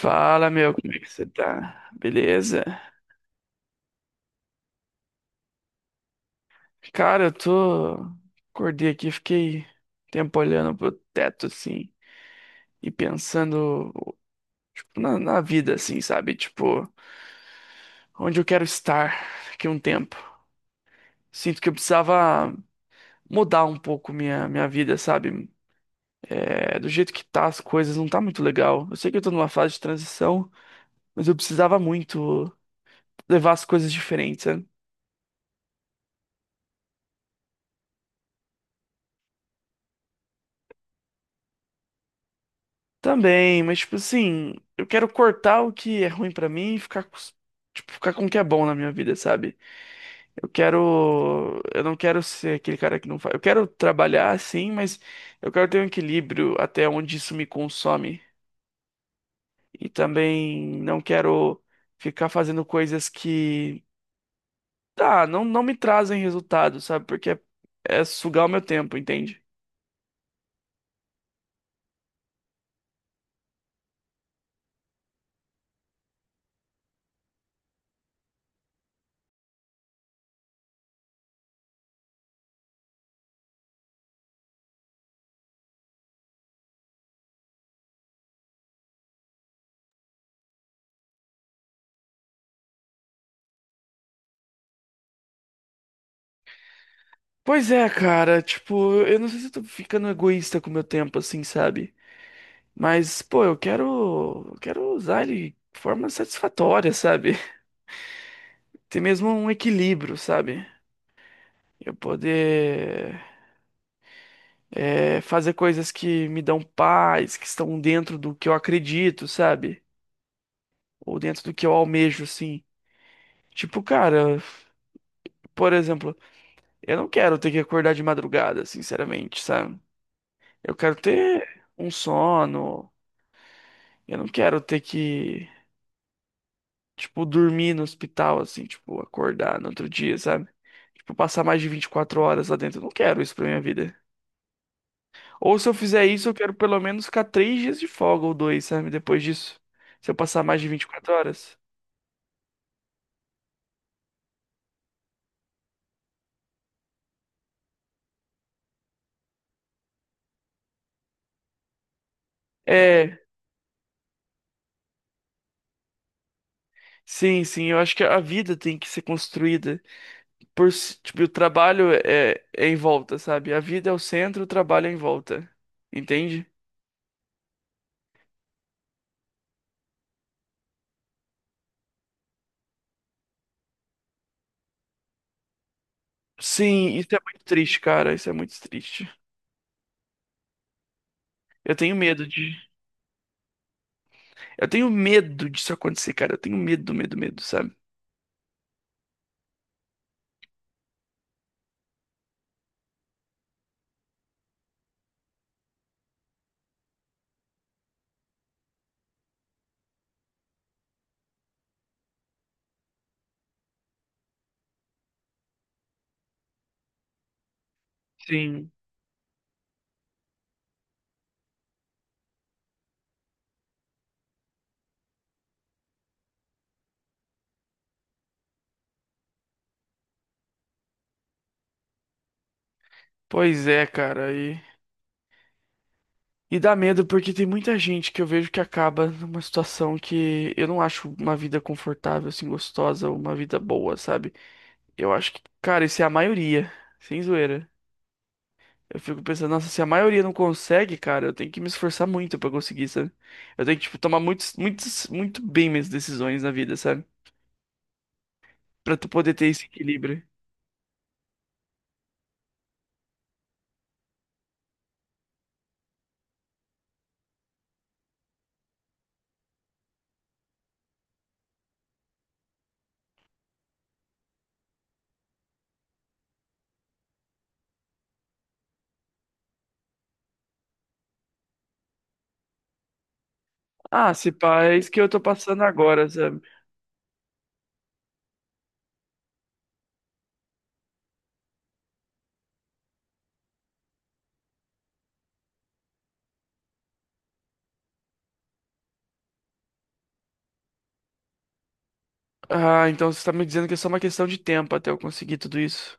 Fala, meu, como é que você tá? Beleza? Cara, eu tô. Acordei aqui, fiquei um tempo olhando pro teto, assim, e pensando tipo, na vida, assim, sabe? Tipo, onde eu quero estar daqui a um tempo. Sinto que eu precisava mudar um pouco minha vida, sabe? É, do jeito que tá as coisas, não tá muito legal. Eu sei que eu tô numa fase de transição, mas eu precisava muito levar as coisas diferentes, também, mas tipo assim, eu quero cortar o que é ruim pra mim e ficar, tipo, ficar com o que é bom na minha vida, sabe? Eu não quero ser aquele cara que não faz. Eu quero trabalhar sim, mas eu quero ter um equilíbrio até onde isso me consome. E também não quero ficar fazendo coisas que, tá, não me trazem resultado, sabe? Porque é sugar o meu tempo, entende? Pois é, cara, tipo, eu não sei se eu tô ficando egoísta com o meu tempo, assim, sabe? Mas, pô, eu quero usar ele de forma satisfatória, sabe? Ter mesmo um equilíbrio, sabe? Eu poder fazer coisas que me dão paz, que estão dentro do que eu acredito, sabe? Ou dentro do que eu almejo, assim. Tipo, cara, por exemplo, eu não quero ter que acordar de madrugada, sinceramente, sabe? Eu quero ter um sono. Eu não quero ter que tipo, dormir no hospital, assim, tipo, acordar no outro dia, sabe? Tipo, passar mais de 24 horas lá dentro. Eu não quero isso pra minha vida. Ou se eu fizer isso, eu quero pelo menos ficar 3 dias de folga ou dois, sabe? Depois disso. Se eu passar mais de 24 horas. É, sim, sim. Eu acho que a vida tem que ser construída tipo, o trabalho é em volta, sabe? A vida é o centro, o trabalho é em volta. Entende? Sim, isso é muito triste, cara. Isso é muito triste. Eu tenho medo de Eu tenho medo disso acontecer, cara. Eu tenho medo, medo, medo, sabe? Sim, pois é, cara. E dá medo porque tem muita gente que eu vejo que acaba numa situação que eu não acho uma vida confortável, assim, gostosa, uma vida boa, sabe? Eu acho que, cara, isso é a maioria, sem zoeira. Eu fico pensando, nossa, se a maioria não consegue, cara, eu tenho que me esforçar muito pra conseguir, sabe? Eu tenho que, tipo, tomar muitos, muitos, muito bem minhas decisões na vida, sabe? Pra tu poder ter esse equilíbrio. Ah, se pá, é isso que eu tô passando agora, sabe? Ah, então você está me dizendo que é só uma questão de tempo até eu conseguir tudo isso.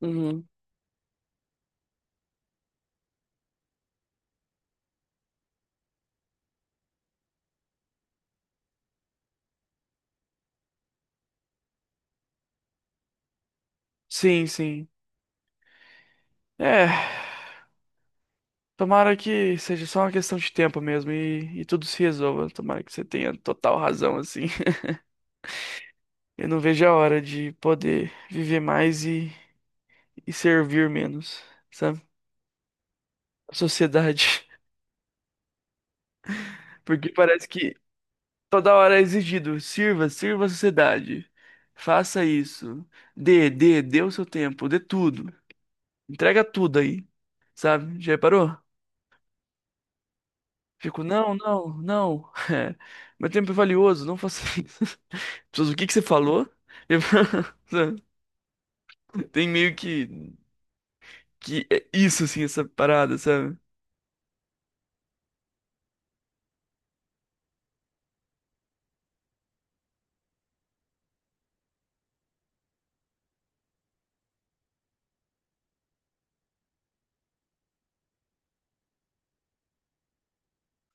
Uhum. Sim, sim. É, tomara que seja só uma questão de tempo mesmo e tudo se resolva. Tomara que você tenha total razão, assim. Eu não vejo a hora de poder viver mais e servir menos, sabe? A sociedade. Porque parece que toda hora é exigido: sirva, sirva a sociedade. Faça isso. Dê, dê, dê o seu tempo, dê tudo. Entrega tudo aí, sabe? Já reparou? Fico, não, não, não. Meu tempo é valioso, não faça isso. As pessoas, o que que você falou? Eu- sabe? Tem meio que é isso, assim, essa parada, sabe?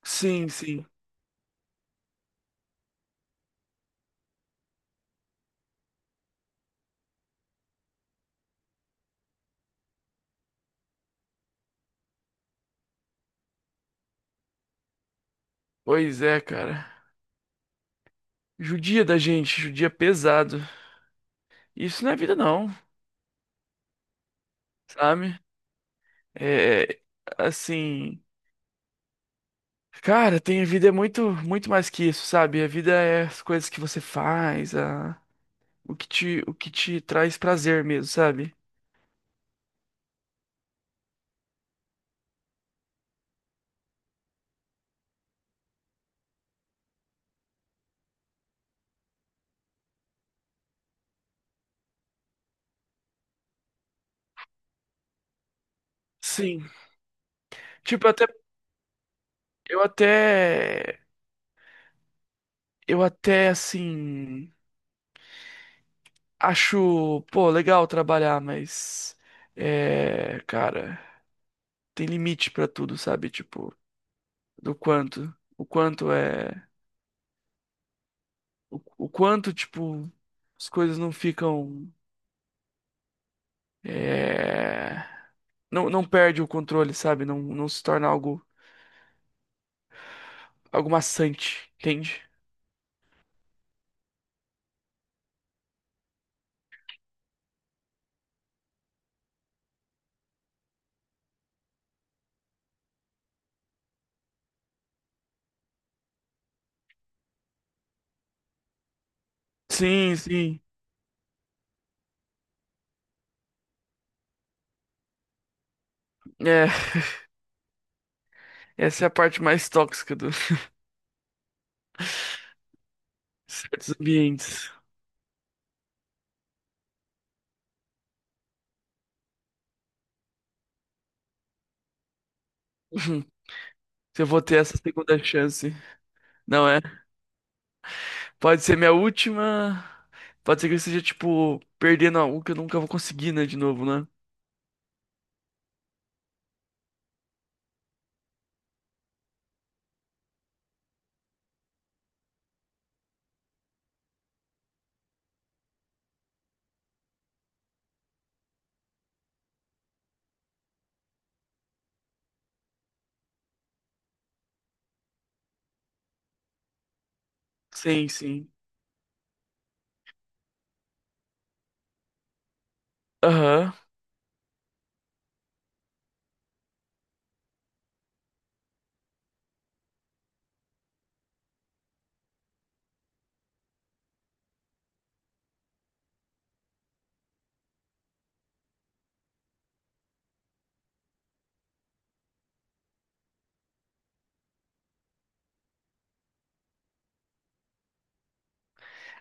Sim, sim. Pois é, cara. Judia da gente, judia pesado. Isso não é vida, não, sabe? É, assim. Cara, tem a vida é muito, muito mais que isso, sabe? A vida é as coisas que você faz, o que te traz prazer mesmo, sabe? Sim. Tipo, até. Eu até. Eu até, assim. Acho, pô, legal trabalhar, mas. É. Cara, tem limite pra tudo, sabe? Tipo, do quanto. O quanto é. O quanto, tipo, as coisas não ficam. É. Não perde o controle, sabe? Não se torna algo. Algo maçante, entende? Sim, sim. É. Essa é a parte mais tóxica dos certos ambientes. Se eu vou ter essa segunda chance. Não é? Pode ser minha última. Pode ser que eu esteja, tipo, perdendo algo que eu nunca vou conseguir, né? De novo, né? Sim, sim. Aham.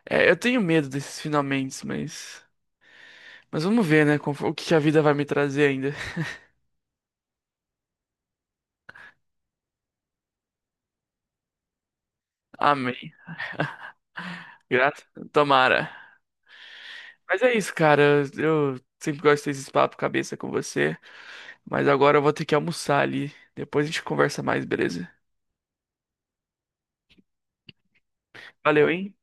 É, eu tenho medo desses finalmente, mas. Mas vamos ver, né? O que que a vida vai me trazer ainda. Amém. Grato. Tomara. Mas é isso, cara. Eu sempre gosto desses papo cabeça com você. Mas agora eu vou ter que almoçar ali. Depois a gente conversa mais, beleza? Valeu, hein?